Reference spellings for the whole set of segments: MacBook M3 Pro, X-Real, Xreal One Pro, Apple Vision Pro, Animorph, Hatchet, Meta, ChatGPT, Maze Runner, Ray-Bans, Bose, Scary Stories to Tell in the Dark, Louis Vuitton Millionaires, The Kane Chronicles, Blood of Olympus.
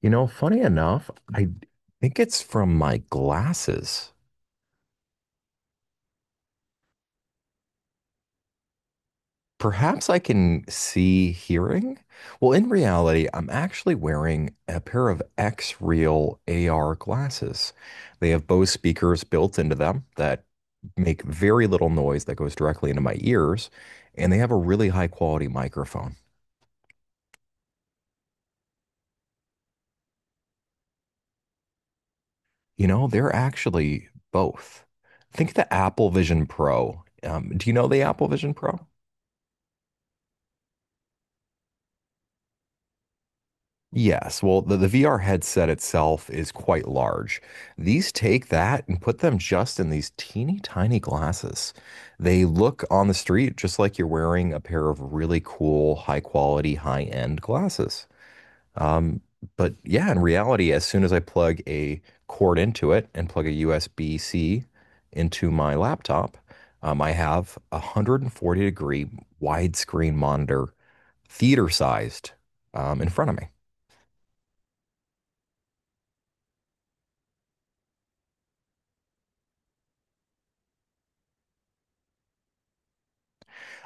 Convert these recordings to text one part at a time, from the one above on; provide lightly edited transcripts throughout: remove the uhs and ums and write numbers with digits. You know, funny enough, I think it's from my glasses. Perhaps I can see hearing. Well, in reality, I'm actually wearing a pair of X-Real AR glasses. They have Bose speakers built into them that make very little noise that goes directly into my ears, and they have a really high quality microphone. You know, they're actually both. Think the Apple Vision Pro. Do you know the Apple Vision Pro? Yes, well, the VR headset itself is quite large. These take that and put them just in these teeny tiny glasses. They look on the street just like you're wearing a pair of really cool, high quality, high end glasses. Um, but yeah, in reality, as soon as I plug a cord into it and plug a USB-C into my laptop, I have a 140-degree widescreen monitor, theater sized, in front of me.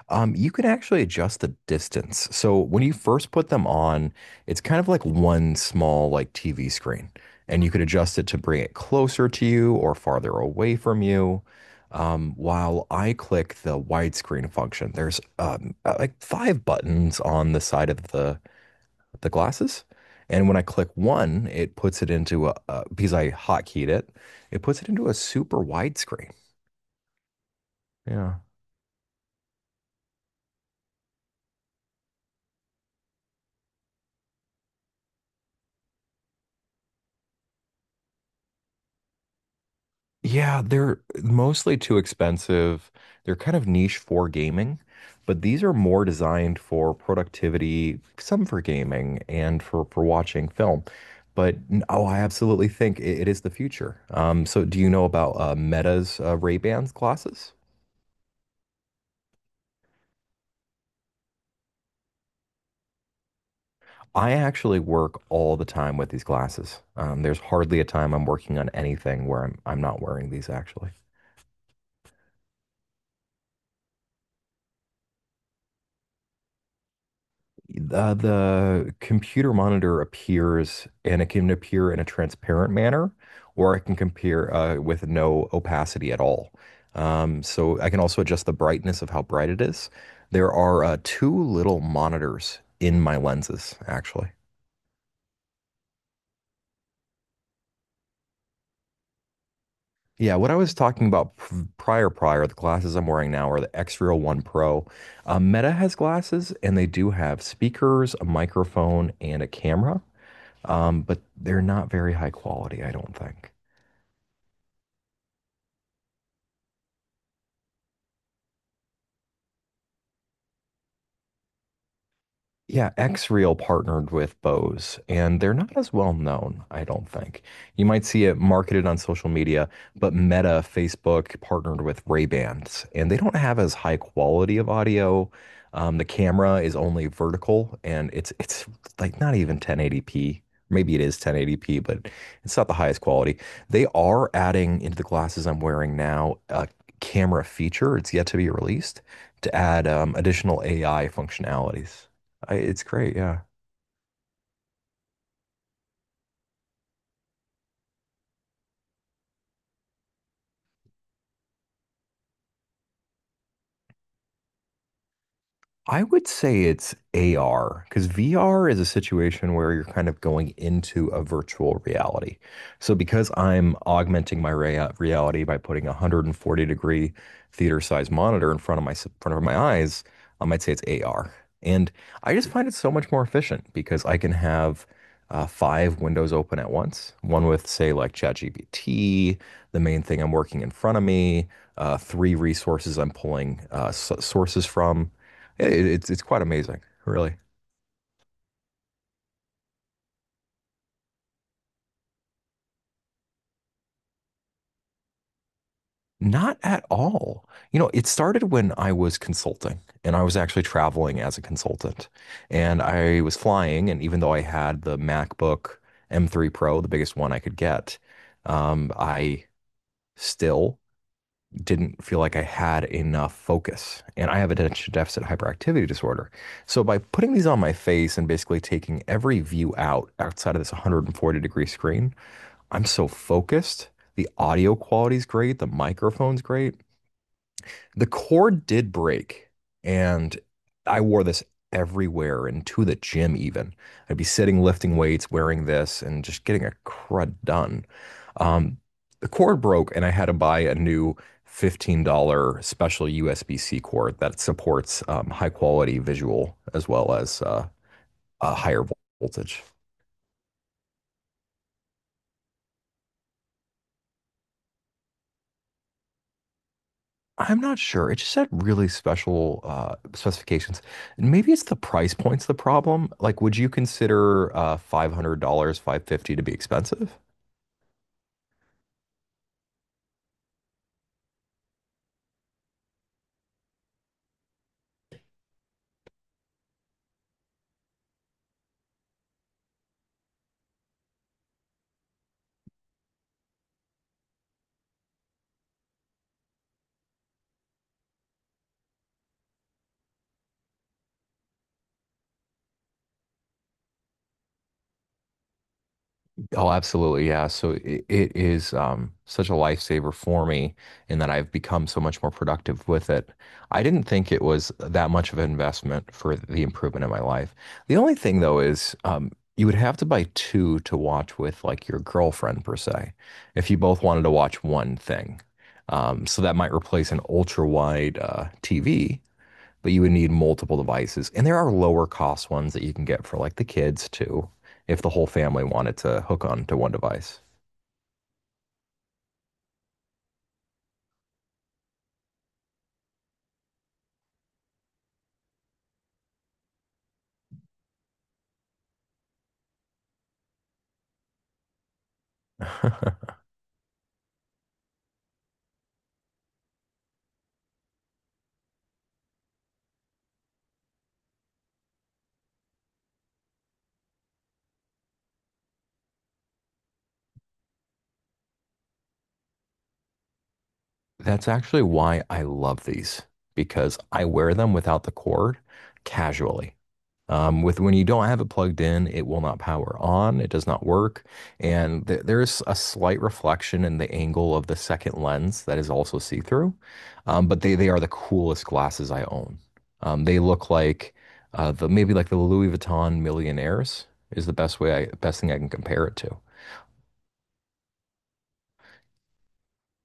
You can actually adjust the distance. So when you first put them on, it's kind of like one small like TV screen, and you could adjust it to bring it closer to you or farther away from you. While I click the widescreen function, there's like five buttons on the side of the glasses, and when I click one, it puts it into a because I hotkeyed it, it puts it into a super widescreen. Yeah. Yeah, they're mostly too expensive. They're kind of niche for gaming, but these are more designed for productivity, some for gaming and for watching film. Oh, I absolutely think it is the future. So do you know about Meta's Ray-Bans glasses? I actually work all the time with these glasses. There's hardly a time I'm working on anything where I'm not wearing these actually. The computer monitor appears and it can appear in a transparent manner, or it can compare with no opacity at all. So I can also adjust the brightness of how bright it is. There are two little monitors in my lenses, actually. Yeah, what I was talking about prior, the glasses I'm wearing now are the Xreal One Pro. Meta has glasses, and they do have speakers, a microphone, and a camera. But they're not very high quality, I don't think. Yeah, X-Reel partnered with Bose, and they're not as well known, I don't think. You might see it marketed on social media, but Meta, Facebook partnered with Ray-Bans, and they don't have as high quality of audio. The camera is only vertical, and it's like not even 1080p. Maybe it is 1080p, but it's not the highest quality. They are adding into the glasses I'm wearing now a camera feature. It's yet to be released to add additional AI functionalities. I, it's great. Yeah. I would say it's AR because VR is a situation where you're kind of going into a virtual reality. So because I'm augmenting my reality by putting a 140-degree theater size monitor in front of front of my eyes, I might say it's AR. And I just find it so much more efficient because I can have five windows open at once, one with say like ChatGPT, the main thing I'm working in front of me, three resources I'm pulling s sources from yeah, it's quite amazing, really. Not at all. You know, it started when I was consulting and I was actually traveling as a consultant. And I was flying, and even though I had the MacBook M3 Pro, the biggest one I could get, I still didn't feel like I had enough focus. And I have attention deficit hyperactivity disorder. So by putting these on my face and basically taking every view outside of this 140-degree screen, I'm so focused. The audio quality's great. The microphone's great. The cord did break, and I wore this everywhere and to the gym even. I'd be sitting lifting weights wearing this and just getting a crud done. Um, the cord broke, and I had to buy a new $15 special USB-C cord that supports high quality visual as well as a higher voltage. I'm not sure. It just had really special specifications. And maybe it's the price point's the problem. Like, would you consider $500, 550 to be expensive? Oh, absolutely. Yeah. So it is such a lifesaver for me in that I've become so much more productive with it. I didn't think it was that much of an investment for the improvement in my life. The only thing, though, is you would have to buy two to watch with like your girlfriend, per se, if you both wanted to watch one thing. So that might replace an ultra wide TV but you would need multiple devices. And there are lower cost ones that you can get for like the kids too, if the whole family wanted to hook on to one device. That's actually why I love these because I wear them without the cord casually. With when you don't have it plugged in, it will not power on. It does not work, and there's a slight reflection in the angle of the second lens that is also see-through. But they are the coolest glasses I own. They look like the maybe like the Louis Vuitton Millionaires is the best way I best thing I can compare it to.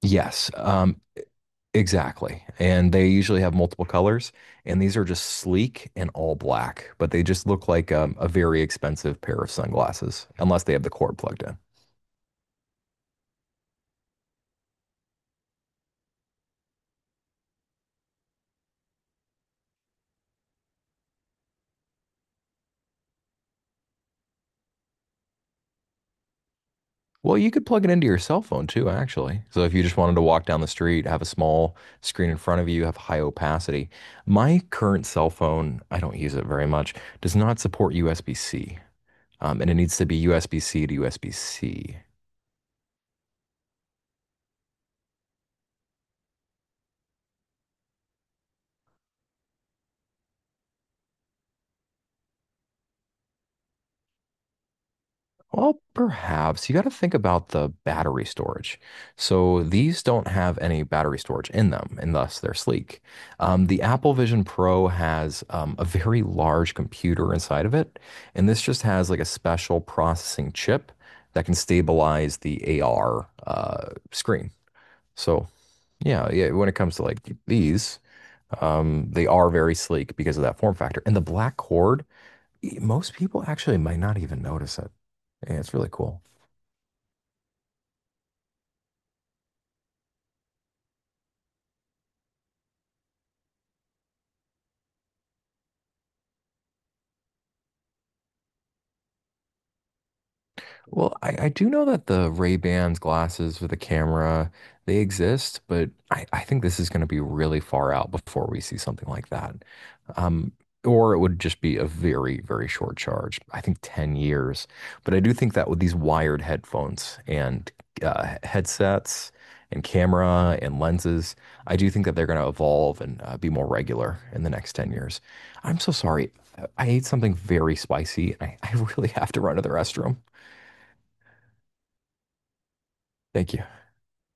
Yes, exactly. And they usually have multiple colors, and these are just sleek and all black, but they just look like a very expensive pair of sunglasses, unless they have the cord plugged in. Well, you could plug it into your cell phone too, actually. So if you just wanted to walk down the street, have a small screen in front of you, have high opacity. My current cell phone, I don't use it very much, does not support USB-C. And it needs to be USB-C to USB-C. Well, perhaps you got to think about the battery storage. So these don't have any battery storage in them, and thus they're sleek. The Apple Vision Pro has a very large computer inside of it, and this just has like a special processing chip that can stabilize the AR screen. So yeah, yeah, when it comes to like these, they are very sleek because of that form factor. And the black cord, most people actually might not even notice it. Yeah, it's really cool. Well, I do know that the Ray-Bans glasses with the camera, they exist, but I think this is going to be really far out before we see something like that. Um, or it would just be a very, very short charge. I think 10 years. But I do think that with these wired headphones and headsets and camera and lenses, I do think that they're going to evolve and be more regular in the next 10 years. I'm so sorry. I ate something very spicy and I really have to run to the restroom. Thank you.